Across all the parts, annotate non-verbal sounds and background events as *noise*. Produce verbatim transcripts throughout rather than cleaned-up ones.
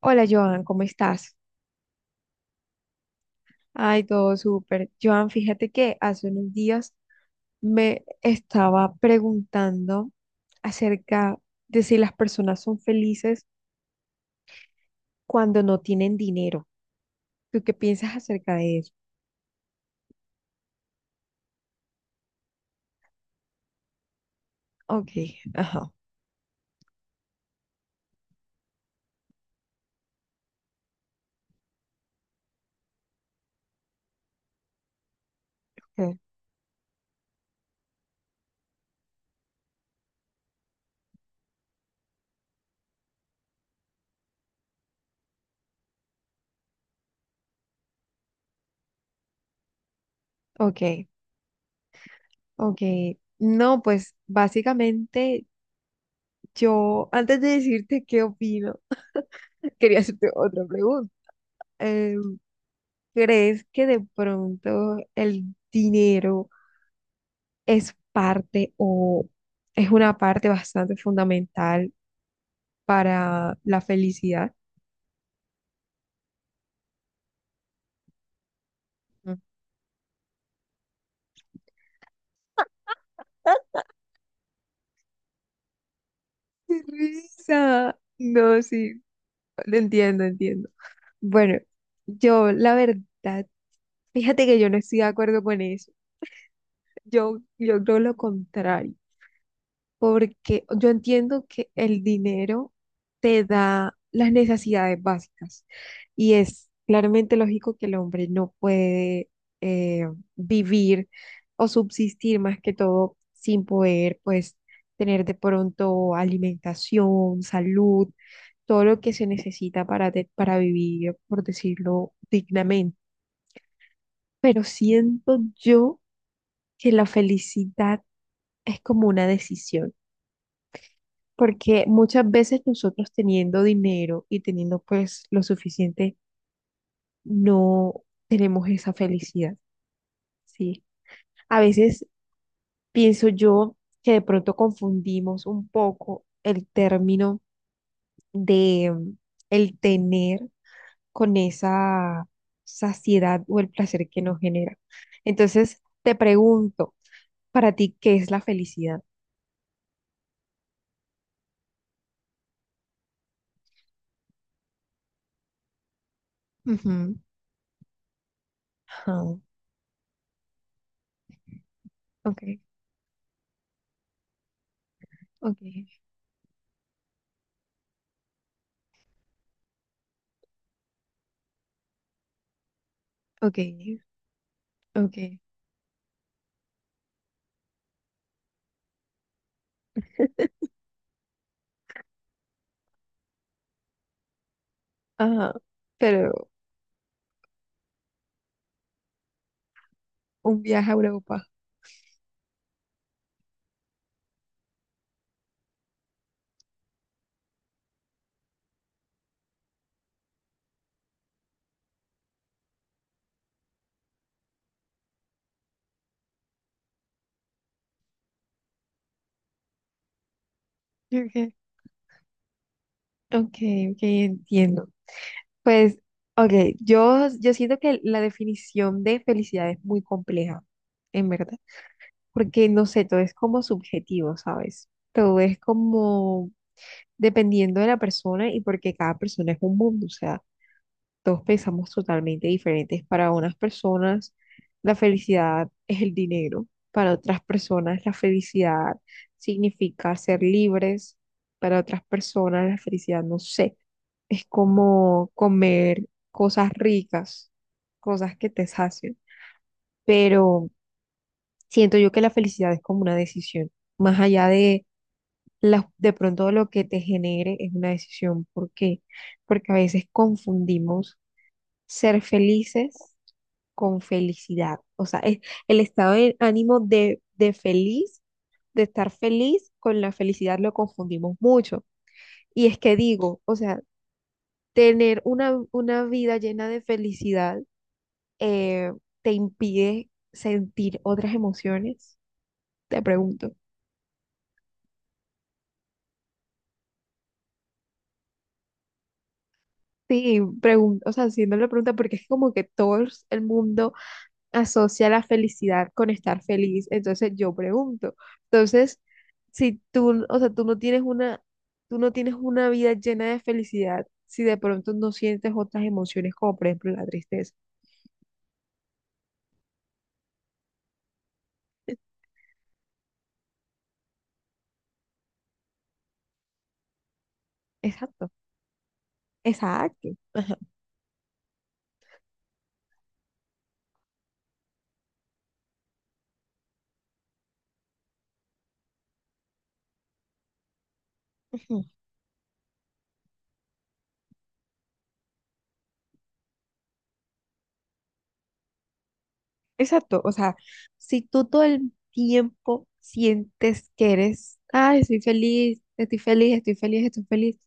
Hola Joan, ¿cómo estás? Ay, todo súper. Joan, fíjate que hace unos días me estaba preguntando acerca de si las personas son felices cuando no tienen dinero. ¿Tú qué piensas acerca de eso? Ok, ajá. Ok, ok. Ok. No, pues básicamente yo, antes de decirte qué opino, *laughs* quería hacerte otra pregunta. Eh, ¿Crees que de pronto el dinero es parte o es una parte bastante fundamental para la felicidad? Mm. ¡Qué risa! No, sí, entiendo, entiendo. Bueno, yo la verdad, fíjate que yo no estoy de acuerdo con eso. Yo, yo creo lo contrario. Porque yo entiendo que el dinero te da las necesidades básicas y es claramente lógico que el hombre no puede eh, vivir o subsistir más que todo sin poder pues tener de pronto alimentación, salud, todo lo que se necesita para, te- para vivir, por decirlo dignamente. Pero siento yo que la felicidad es como una decisión. Porque muchas veces nosotros teniendo dinero y teniendo pues lo suficiente, no tenemos esa felicidad, ¿sí? A veces pienso yo que de pronto confundimos un poco el término de mm, el tener con esa saciedad o el placer que nos genera. Entonces, te pregunto, para ti, ¿qué es la felicidad? Ujú. Ajá. Ok, ok, ok, ok. *laughs* Ajá, pero un viaje a Europa. Ok, ok, ok, entiendo. Pues, ok, yo, yo siento que la definición de felicidad es muy compleja, en verdad, porque no sé, todo es como subjetivo, ¿sabes? Todo es como dependiendo de la persona y porque cada persona es un mundo, o sea. Todos pensamos totalmente diferentes. Para unas personas la felicidad es el dinero, para otras personas la felicidad significa ser libres, para otras personas la felicidad, no sé, es como comer cosas ricas, cosas que te sacian. Pero siento yo que la felicidad es como una decisión, más allá de la- de pronto lo que te genere es una decisión. ¿Por qué? Porque a veces confundimos ser felices con felicidad. O sea, es el estado de ánimo de, de feliz, de estar feliz, con la felicidad lo confundimos mucho. Y es que digo, o sea, tener una, una vida llena de felicidad eh, te impide sentir otras emociones, te pregunto. Sí, pregunto, o sea, haciendo la pregunta, porque es como que todo el mundo asocia la felicidad con estar feliz. Entonces yo pregunto, entonces, si tú, o sea, tú no tienes una, tú no tienes una vida llena de felicidad, si de pronto no sientes otras emociones como por ejemplo la tristeza. Exacto, exacto. Ajá. Ujú. Exacto, o sea, si tú todo el tiempo sientes que eres, ay, estoy feliz, estoy feliz, estoy feliz, estoy feliz,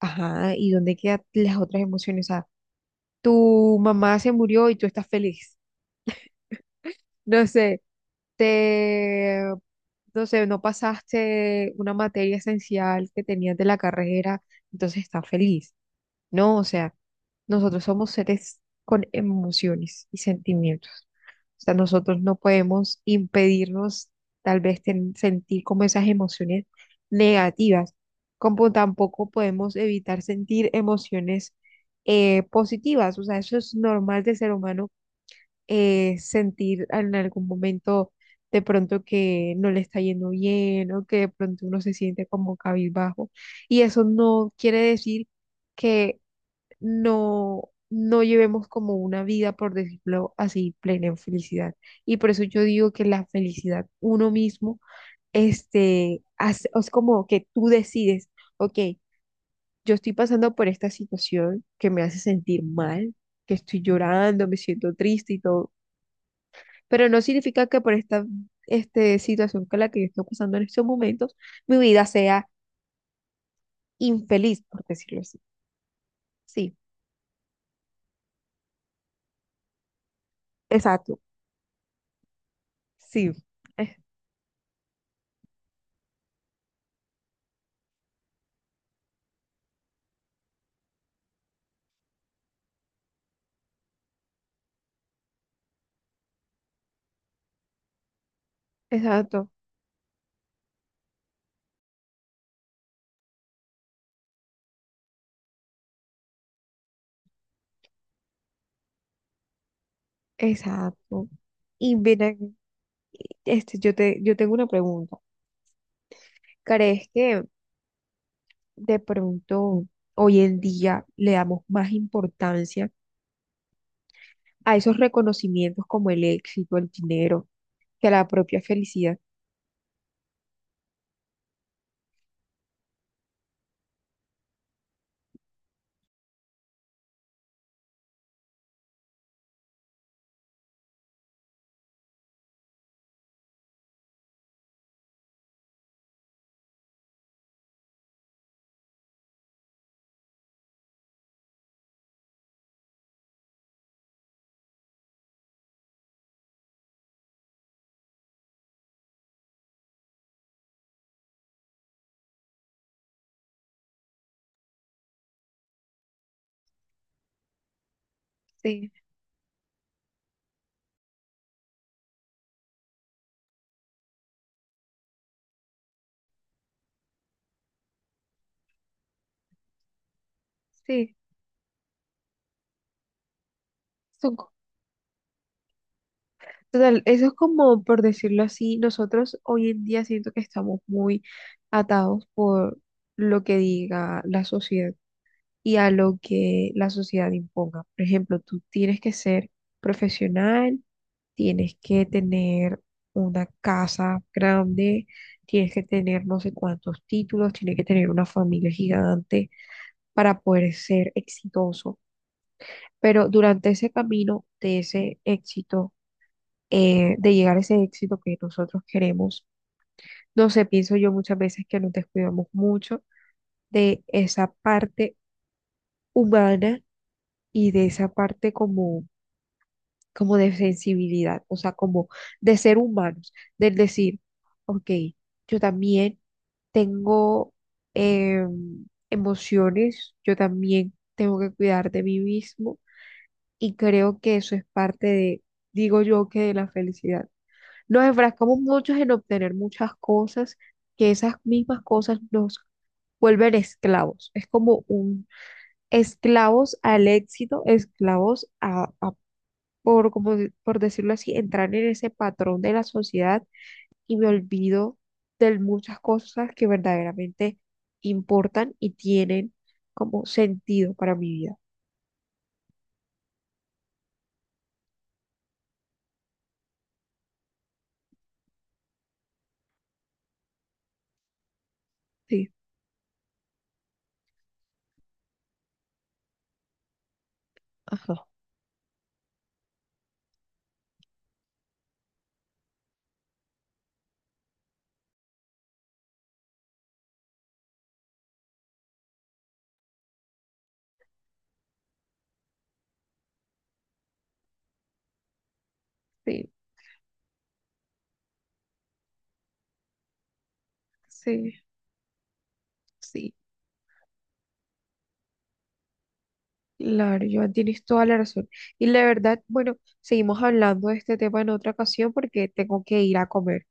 ajá, ¿y dónde quedan las otras emociones? O sea, tu mamá se murió y tú estás feliz, no sé, te, no sé, no pasaste una materia esencial que tenías de la carrera, entonces estás feliz. No, o sea, nosotros somos seres con emociones y sentimientos. O sea, nosotros no podemos impedirnos tal vez ten- sentir como esas emociones negativas, como tampoco podemos evitar sentir emociones eh, positivas. O sea, eso es normal de ser humano, eh, sentir en algún momento de pronto que no le está yendo bien o que de pronto uno se siente como cabizbajo. Y eso no quiere decir que no, no llevemos como una vida, por decirlo así, plena en felicidad. Y por eso yo digo que la felicidad uno mismo, este, hace- es como que tú decides, ok, yo estoy pasando por esta situación que me hace sentir mal, que estoy llorando, me siento triste y todo, pero no significa que por esta este, situación con la que yo estoy pasando en estos momentos, mi vida sea infeliz, por decirlo así. Sí, exacto, sí, es- exacto. Exacto. Y mira, este, yo te, yo tengo una pregunta. ¿Crees que de pronto hoy en día le damos más importancia a esos reconocimientos como el éxito, el dinero, que a la propia felicidad? Sí, sí. Son, co- Total, eso es como, por decirlo así, nosotros hoy en día siento que estamos muy atados por lo que diga la sociedad. Y a lo que la sociedad imponga. Por ejemplo, tú tienes que ser profesional, tienes que tener una casa grande, tienes que tener no sé cuántos títulos, tienes que tener una familia gigante para poder ser exitoso. Pero durante ese camino de ese éxito, eh, de llegar a ese éxito que nosotros queremos, no sé, pienso yo muchas veces que nos descuidamos mucho de esa parte humana y de esa parte como como de sensibilidad, o sea, como de ser humanos, del decir, ok, yo también tengo em, emociones, yo también tengo que cuidar de mí mismo y creo que eso es parte de, digo yo, que de la felicidad. Nos enfrascamos muchos en obtener muchas cosas, que esas mismas cosas nos vuelven esclavos. Es como un esclavos al éxito, esclavos a, a por, como, de- por decirlo así, entrar en ese patrón de la sociedad y me olvido de muchas cosas que verdaderamente importan y tienen como sentido para mi vida. Sí, ajá. Sí, sí, sí. Claro, Joan, tienes toda la razón. Y la verdad, bueno, seguimos hablando de este tema en otra ocasión porque tengo que ir a comer.